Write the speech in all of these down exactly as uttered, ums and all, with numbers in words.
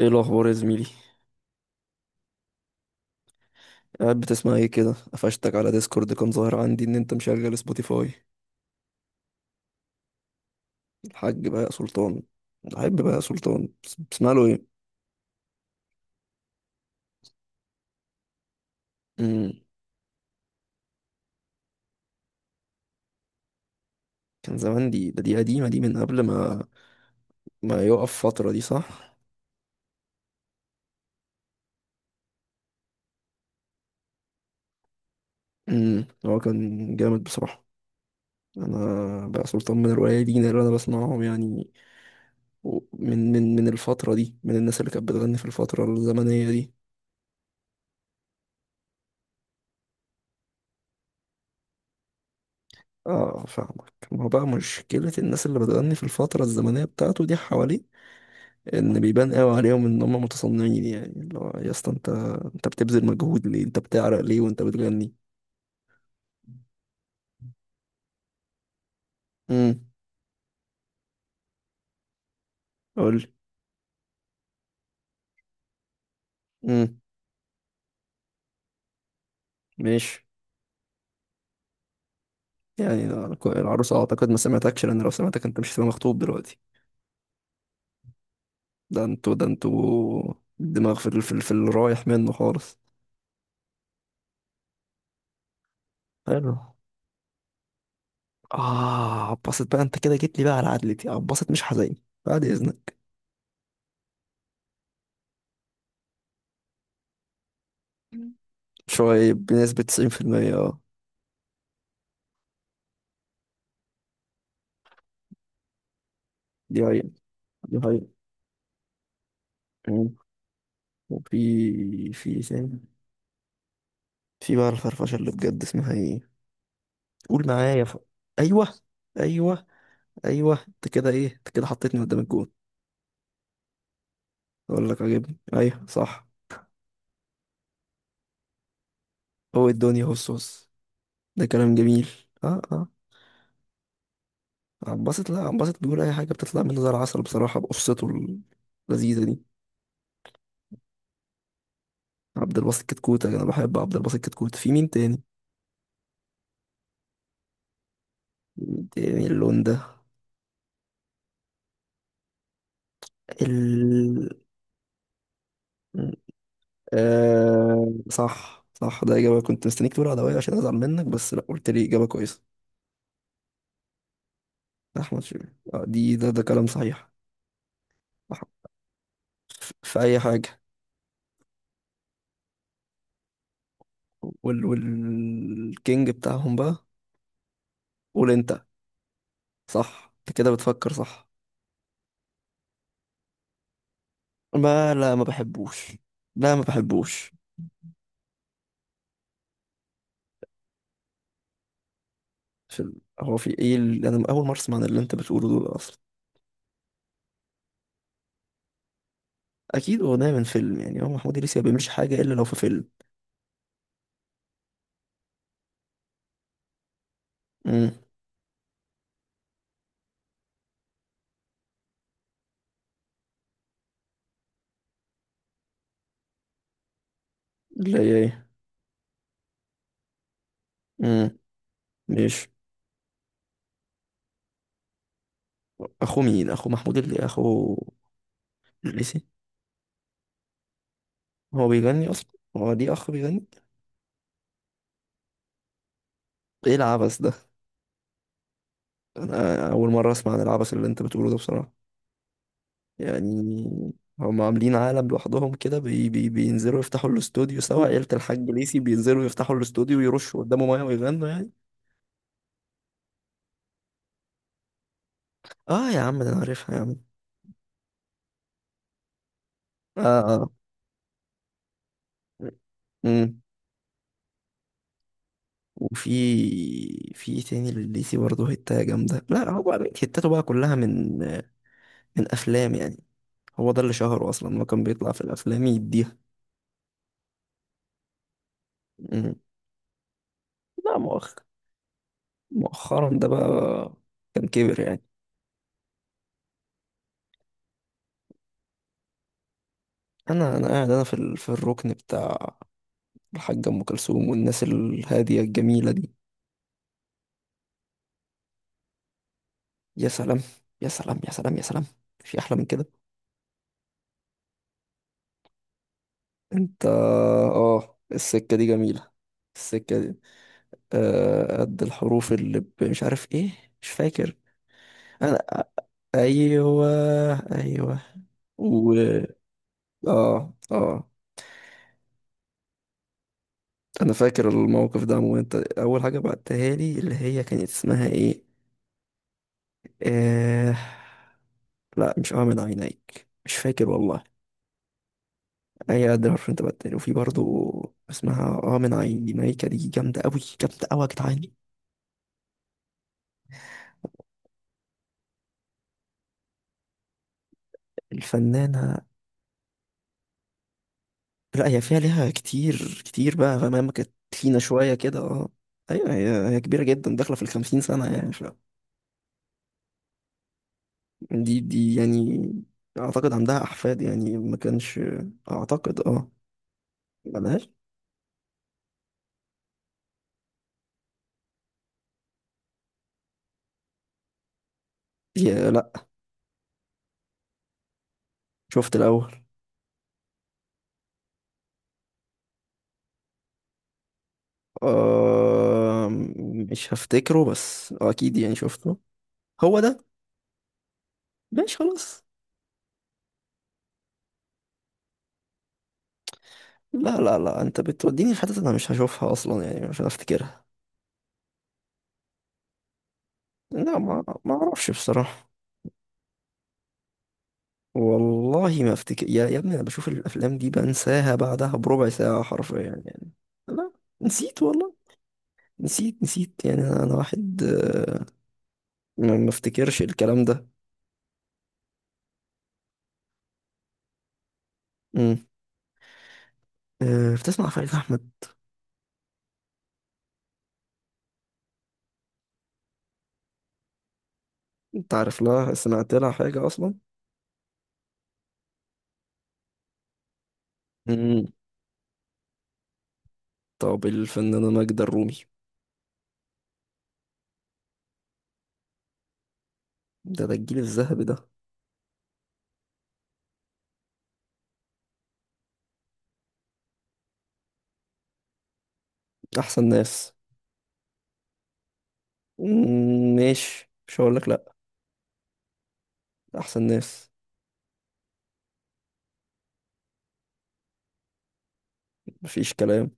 ايه الاخبار يا زميلي؟ قاعد بتسمع ايه كده؟ قفشتك على ديسكورد، كان ظاهر عندي ان انت مشغل سبوتيفاي. الحاج بقى سلطان. الحاج بقى سلطان، بس- بتسمع له ايه؟ امم كان زمان دي، ده دي قديمه دي من قبل ما ما يقف فتره دي، صح؟ امم هو كان جامد بصراحه. انا بقى سلطان من القليلين اللي انا بسمعهم يعني. و- من من من الفتره دي، من الناس اللي كانت بتغني في الفتره الزمنيه دي. اه، فاهمك. ما هو بقى مشكله الناس اللي بتغني في الفتره الزمنيه بتاعته دي حواليك، ان بيبان قوي عليهم ان هم متصنعين، يعني اللي هو يا اسطى، انت انت بتبذل مجهود ليه؟ انت بتعرق ليه وانت بتغني؟ امم قول لي. امم ماشي. يعني العروسه اعتقد ما سمعتكش، لان لو سمعتك انت مش هتبقى مخطوب دلوقتي. ده انتوا، ده انتوا، الدماغ في ال- في ال- في الرايح منه خالص. حلو. اه، عباسط بقى، انت كده جيت لي بقى على عدلتي، عباسط مش حزين، بعد اذنك. شوية بنسبة تسعين بالمية، اه. دي حقيقة. دي حقيقة. مم. وفي في إيه تاني؟ في بقى الفرفشه اللي بجد، اسمها ايه؟ قول معايا ف... ايوه. ايوه. ايوه، انت كده ايه انت كده حطيتني قدام الجون. اقول لك عجبني، ايوه، صح. هو الدنيا، هو الصوص، ده كلام جميل. اه، اه. عباسط، لا عباسط بيقول اي حاجه بتطلع منه زي العسل بصراحه، بقصته اللذيذه دي. عبد الباسط كتكوت، انا بحب عبد الباسط كتكوت. في مين تاني؟ مين تاني اللون ده؟ ال آه، صح، صح، ده إجابة كنت مستنيك تقول عدوية عشان أزعل منك، بس لا، قلت لي إجابة كويسة. احمد شيبة. آه، دي ده ده كلام صحيح. أح- ف- في اي حاجه. وال والكينج بتاعهم بقى. قول انت. صح، انت كده بتفكر صح. ما لا، ما بحبوش. لا، ما بحبوش. في ال... هو في ايه ال... انا اول مره اسمع عن اللي انت بتقوله دول اصلا. اكيد اغنيه من فيلم يعني، هو محمود إدريس ما بيعملش حاجه الا لو في فيلم. امم لا، هي ايه؟ امم ماشي. اخو مين؟ اخو محمود اللي اخو؟ إدريسي؟ هو بيغني اصلا؟ هو دي اخ بيغني؟ ايه العبث ده؟ انا اول مره اسمع عن العبث اللي انت بتقوله ده بصراحه، يعني. هم عاملين عالم لوحدهم كده، بي بي بينزلوا يفتحوا الاستوديو سوا، عيله الحاج ليسي بينزلوا يفتحوا الاستوديو ويرشوا قدامه ميه ويغنوا يعني. اه يا عم، ده انا عارفها يا عم. اه، اه. امم وفي في إيه تاني لليسي برضه؟ هتاية جامده، لا هو بقى، هتاته بقى كلها من من افلام يعني. هو ده اللي شهره اصلا، ما كان بيطلع في الافلام يديها. امم لا، مؤخ... مؤخرا ده بقى، كان كبر يعني. انا انا قاعد، انا في ال... في الركن بتاع الحاجة ام كلثوم والناس الهادية الجميلة دي. يا سلام. يا سلام، يا سلام، يا سلام. في احلى من كده؟ انت، اه السكة دي جميلة. السكة دي. آه، قد الحروف اللي ب... مش عارف ايه. مش فاكر. انا. ايوه. ايوه. و اه، اه. انا فاكر الموقف ده عموما، انت اول حاجة بعتها لي اللي هي كانت اسمها ايه؟ آه... لا، مش اعمل عينيك، مش فاكر والله. هي قد الحرف. انت بدل وفي برضو، اسمها اه من عينيك، دي جامدة أوي، جامدة أوي، يا جدعان. الفنانة. لا، هي فيها، ليها كتير كتير بقى، فاهم؟ كانت تخينة شوية كده، اه. أيوة، هي هي كبيرة جدا داخلة في الخمسين سنة يعني. ف دي دي يعني، أعتقد عندها أحفاد يعني، ما كانش، أعتقد، اه. ملهاش. هي لا. شفت الأول. آه، مش هفتكره، بس آه أكيد يعني شفته. هو ده. ماشي خلاص. لا، لا، لا، انت بتوديني في حتت انا مش هشوفها اصلا يعني مش هفتكرها. لا، ما ما اعرفش بصراحة. والله ما افتكر، يا يا ابني، انا بشوف الافلام دي بنساها بعدها بربع ساعة حرفيا يعني. لا. نسيت والله. نسيت، نسيت يعني. انا أنا واحد، آه، ما ما افتكرش الكلام ده. امم آه، بتسمع فريد احمد؟ انت عارف لها؟ سمعت لها حاجة اصلا؟ امم طب الفنانة ماجدة الرومي؟ ده ده الجيل الذهبي ده. احسن ناس. مم، ماشي، مش هقول لك لا. احسن ناس. مفيش كلام.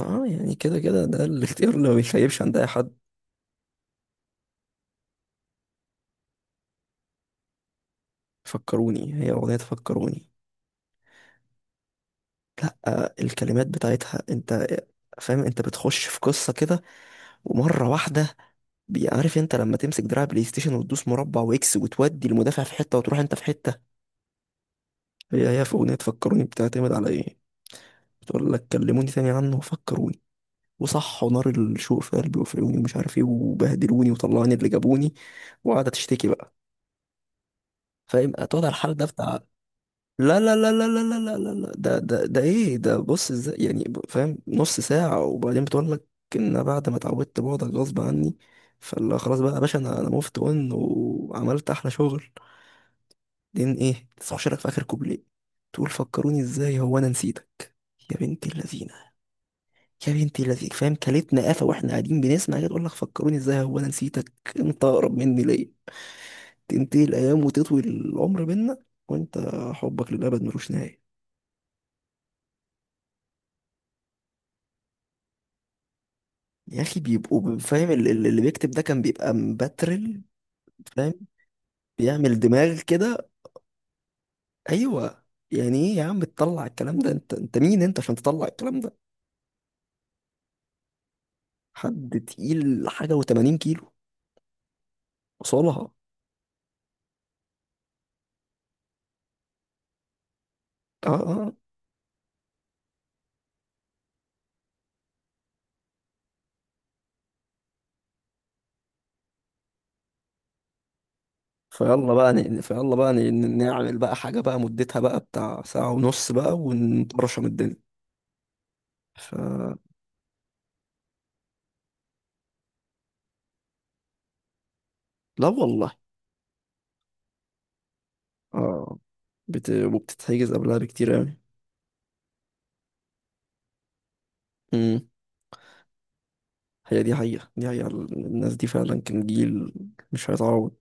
اه يعني كده كده، ده الاختيار اللي ما بيخيبش عند اي حد. فكروني، هي اغنية فكروني. آه، الكلمات بتاعتها، انت فاهم؟ انت بتخش في قصة كده ومرة واحدة. بي- عارف انت لما تمسك دراع بلاي ستيشن وتدوس مربع واكس، وتودي المدافع في حتة وتروح انت في حتة؟ هي هي في اغنية فكروني بتعتمد على ايه؟ بتقول لك: كلموني تاني عنه وفكروني، وصح، ونار الشوق في قلبي وفي عيوني ومش عارف ايه، وبهدلوني وطلعوني اللي جابوني، وقاعدة تشتكي بقى. فاهم؟ هتقعد على الحال ده بتاع، لا، لا، لا، لا، لا، لا، لا، لا، لا. ده ده ده ايه ده؟ بص ازاي يعني، ب- فاهم، نص ساعة وبعدين بتقول لك ان بعد ما اتعودت بعدك غصب عني. فلا، خلاص بقى يا باشا، انا انا موفت اون وعملت احلى شغل. بعدين ايه؟ تخش لك في اخر كوبليه تقول: فكروني ازاي، هو انا نسيتك؟ يا بنت اللذينة. يا بنت اللذينة، فاهم؟ كلتنا قفا واحنا قاعدين بنسمع كده تقول لك: فكروني ازاي، هو انا نسيتك؟ انت اقرب مني ليه؟ تنتهي الايام وتطوي العمر بينا، وانت، حبك للابد ملوش نهاية. يا اخي، بيبقوا فاهم، ال- ال- اللي بيكتب ده كان بيبقى مبترل. فاهم، بيعمل دماغ كده. ايوه. يعني ايه يا عم تطلع الكلام ده؟ انت انت مين انت عشان تطلع الكلام ده؟ حد تقيل حاجه وتمانين كيلو، وصلها، اه. اه، آه. فيلا بقى ن- فيلا بقى ن- ن- نعمل بقى حاجه بقى مدتها بقى بتاع ساعه ونص بقى ونطرشم الدنيا. ف لا والله. اه، بت... وبتتحجز قبلها بكتير قوي. هي دي حقيقة، دي حقيقة، الناس دي فعلا كان جيل مش هيتعوض.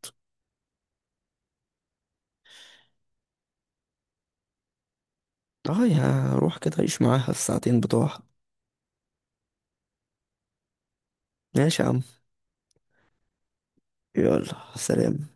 اه، يا روح كده عيش معاها الساعتين بتوعها. ماشي يا عم. يلا، سلام.